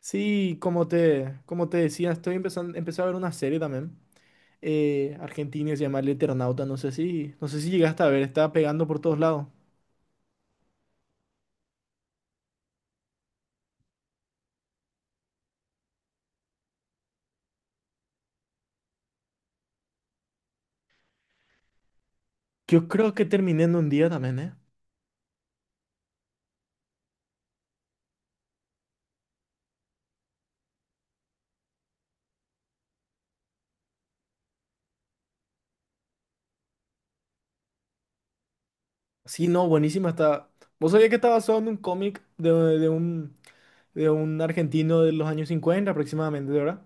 Sí, como te decía, empecé a ver una serie también. Argentina, se llama El Eternauta. No sé si llegaste a ver, está pegando por todos lados. Yo creo que terminé en un día también, ¿eh? Sí, no, buenísima está. ¿Vos sabías que está basado en un cómic de un, de un argentino de los años 50 aproximadamente, verdad?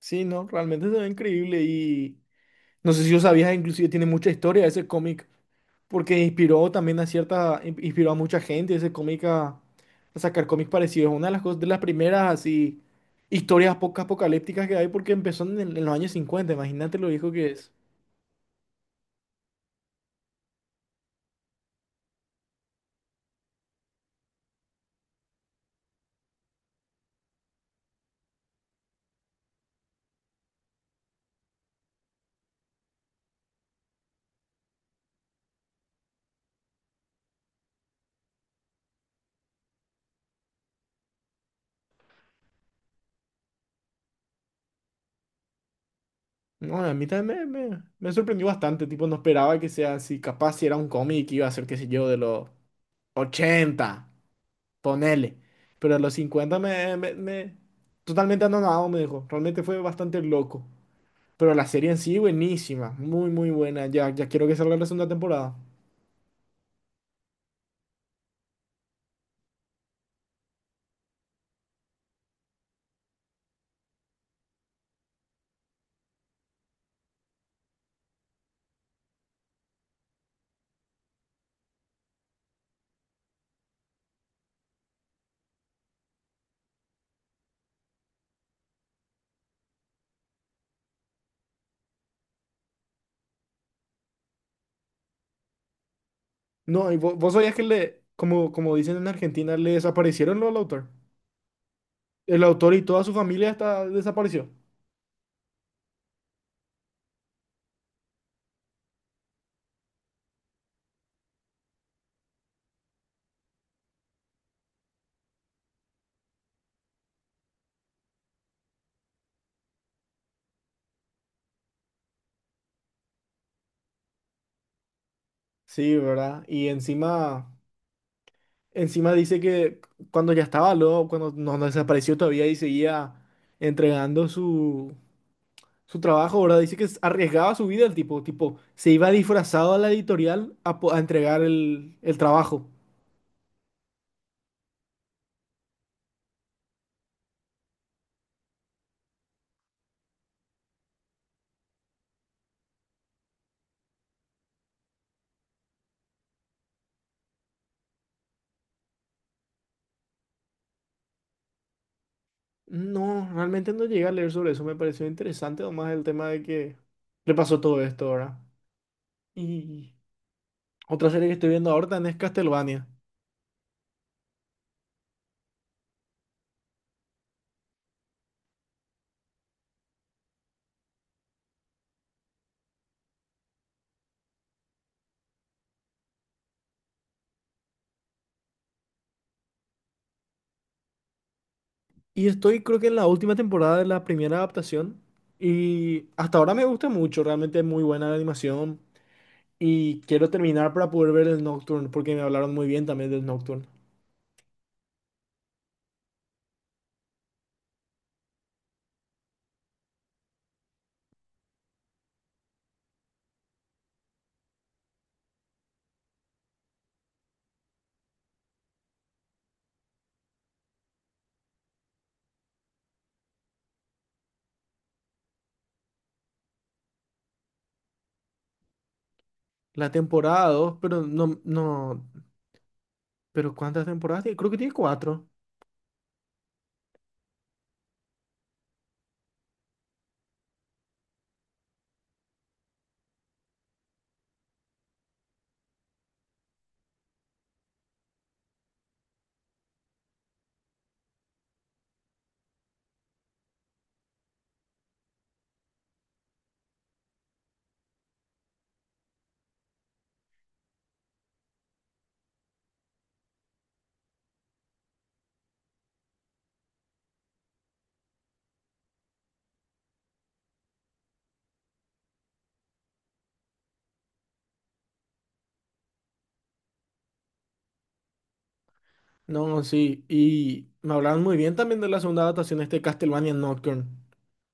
Sí, no, realmente se ve increíble y no sé si lo sabías, inclusive tiene mucha historia ese cómic. Porque inspiró también a inspiró a mucha gente ese cómic a sacar cómics parecidos. Una de las cosas, de las primeras así historias poco apocalípticas que hay, porque empezó en los años cincuenta, imagínate lo viejo que es. No, a mí también me sorprendió bastante, tipo no esperaba que sea así, capaz si era un cómic iba a ser, qué sé yo, de los ochenta, ponele. Pero a los 50 me totalmente anonadado me dejó, realmente fue bastante loco. Pero la serie en sí, buenísima, muy, muy buena. Ya quiero que salga la segunda temporada. No, y vos sabías que le, como, como dicen en Argentina, le desaparecieron lo al autor. El autor y toda su familia está, desapareció. Sí, ¿verdad? Y encima, encima dice que cuando ya estaba loco, cuando no desapareció todavía y seguía entregando su trabajo, ¿verdad? Dice que arriesgaba su vida el tipo, tipo, se iba disfrazado a la editorial a entregar el trabajo. No, realmente no llegué a leer sobre eso. Me pareció interesante nomás el tema de que le pasó todo esto ahora. Y otra serie que estoy viendo ahora también es Castlevania. Y estoy, creo que en la última temporada de la primera adaptación. Y hasta ahora me gusta mucho, realmente es muy buena la animación. Y quiero terminar para poder ver el Nocturne, porque me hablaron muy bien también del Nocturne. La temporada 2, pero no, no. ¿Pero cuántas temporadas tiene? Creo que tiene cuatro. No, no, sí. Y me hablaron muy bien también de la segunda adaptación de este Castlevania Nocturne.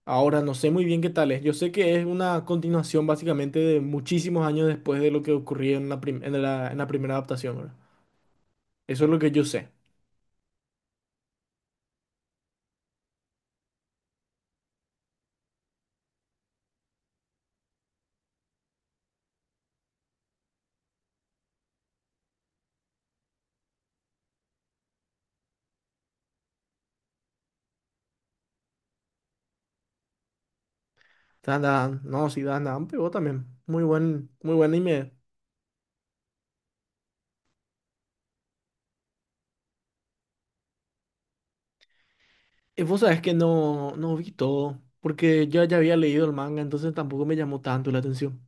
Ahora no sé muy bien qué tal es. Yo sé que es una continuación básicamente de muchísimos años después de lo que ocurrió en en en la primera adaptación, ¿verdad? Eso es lo que yo sé. Dan, Dan, no, sí, Dan, Dan pegó también. Muy buen anime. Y vos sabés que no, no vi todo, porque yo ya había leído el manga, entonces tampoco me llamó tanto la atención.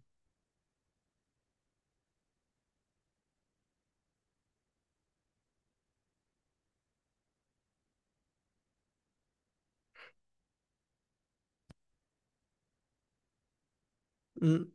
Mm.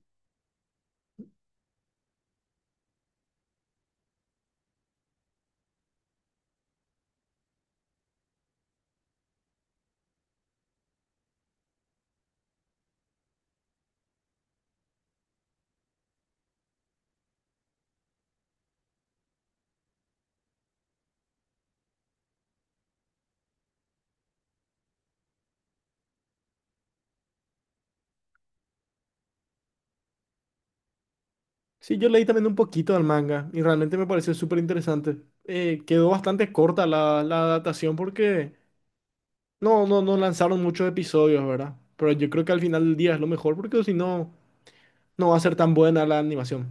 Sí, yo leí también un poquito del manga y realmente me pareció súper interesante. Quedó bastante corta la adaptación porque no lanzaron muchos episodios, ¿verdad? Pero yo creo que al final del día es lo mejor, porque si no, no va a ser tan buena la animación.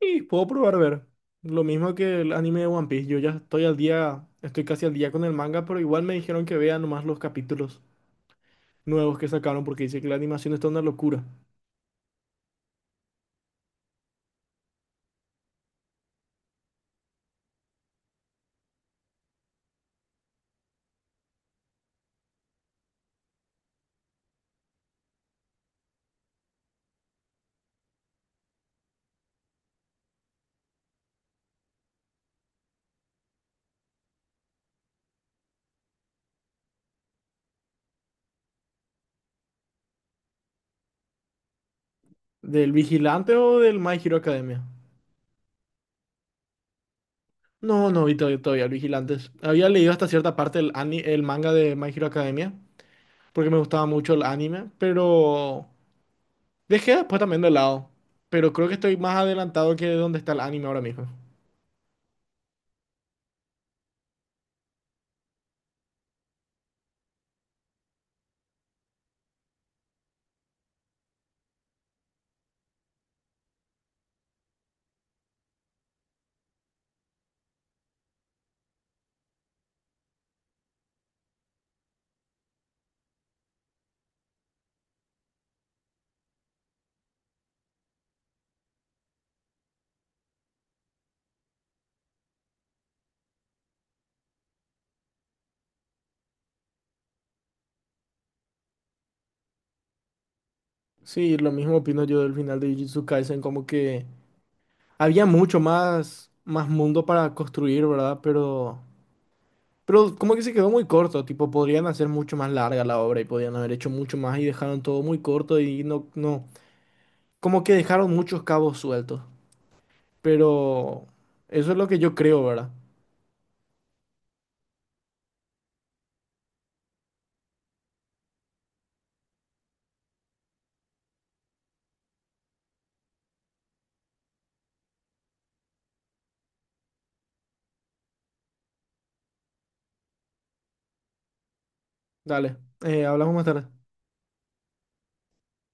Y puedo probar a ver. Lo mismo que el anime de One Piece. Yo ya estoy al día, estoy casi al día con el manga, pero igual me dijeron que vea nomás los capítulos nuevos que sacaron, porque dice que la animación está una locura. ¿Del Vigilante o del My Hero Academia? No, no vi todavía, todavía Los Vigilantes. Había leído hasta cierta parte el manga de My Hero Academia, porque me gustaba mucho el anime, pero dejé después también de lado. Pero creo que estoy más adelantado que donde está el anime ahora mismo. Sí, lo mismo opino yo del final de Jujutsu Kaisen, como que había mucho más, más mundo para construir, ¿verdad? Pero como que se quedó muy corto, tipo, podrían hacer mucho más larga la obra y podían haber hecho mucho más y dejaron todo muy corto y no, no, como que dejaron muchos cabos sueltos. Pero eso es lo que yo creo, ¿verdad? Dale, hablamos más tarde.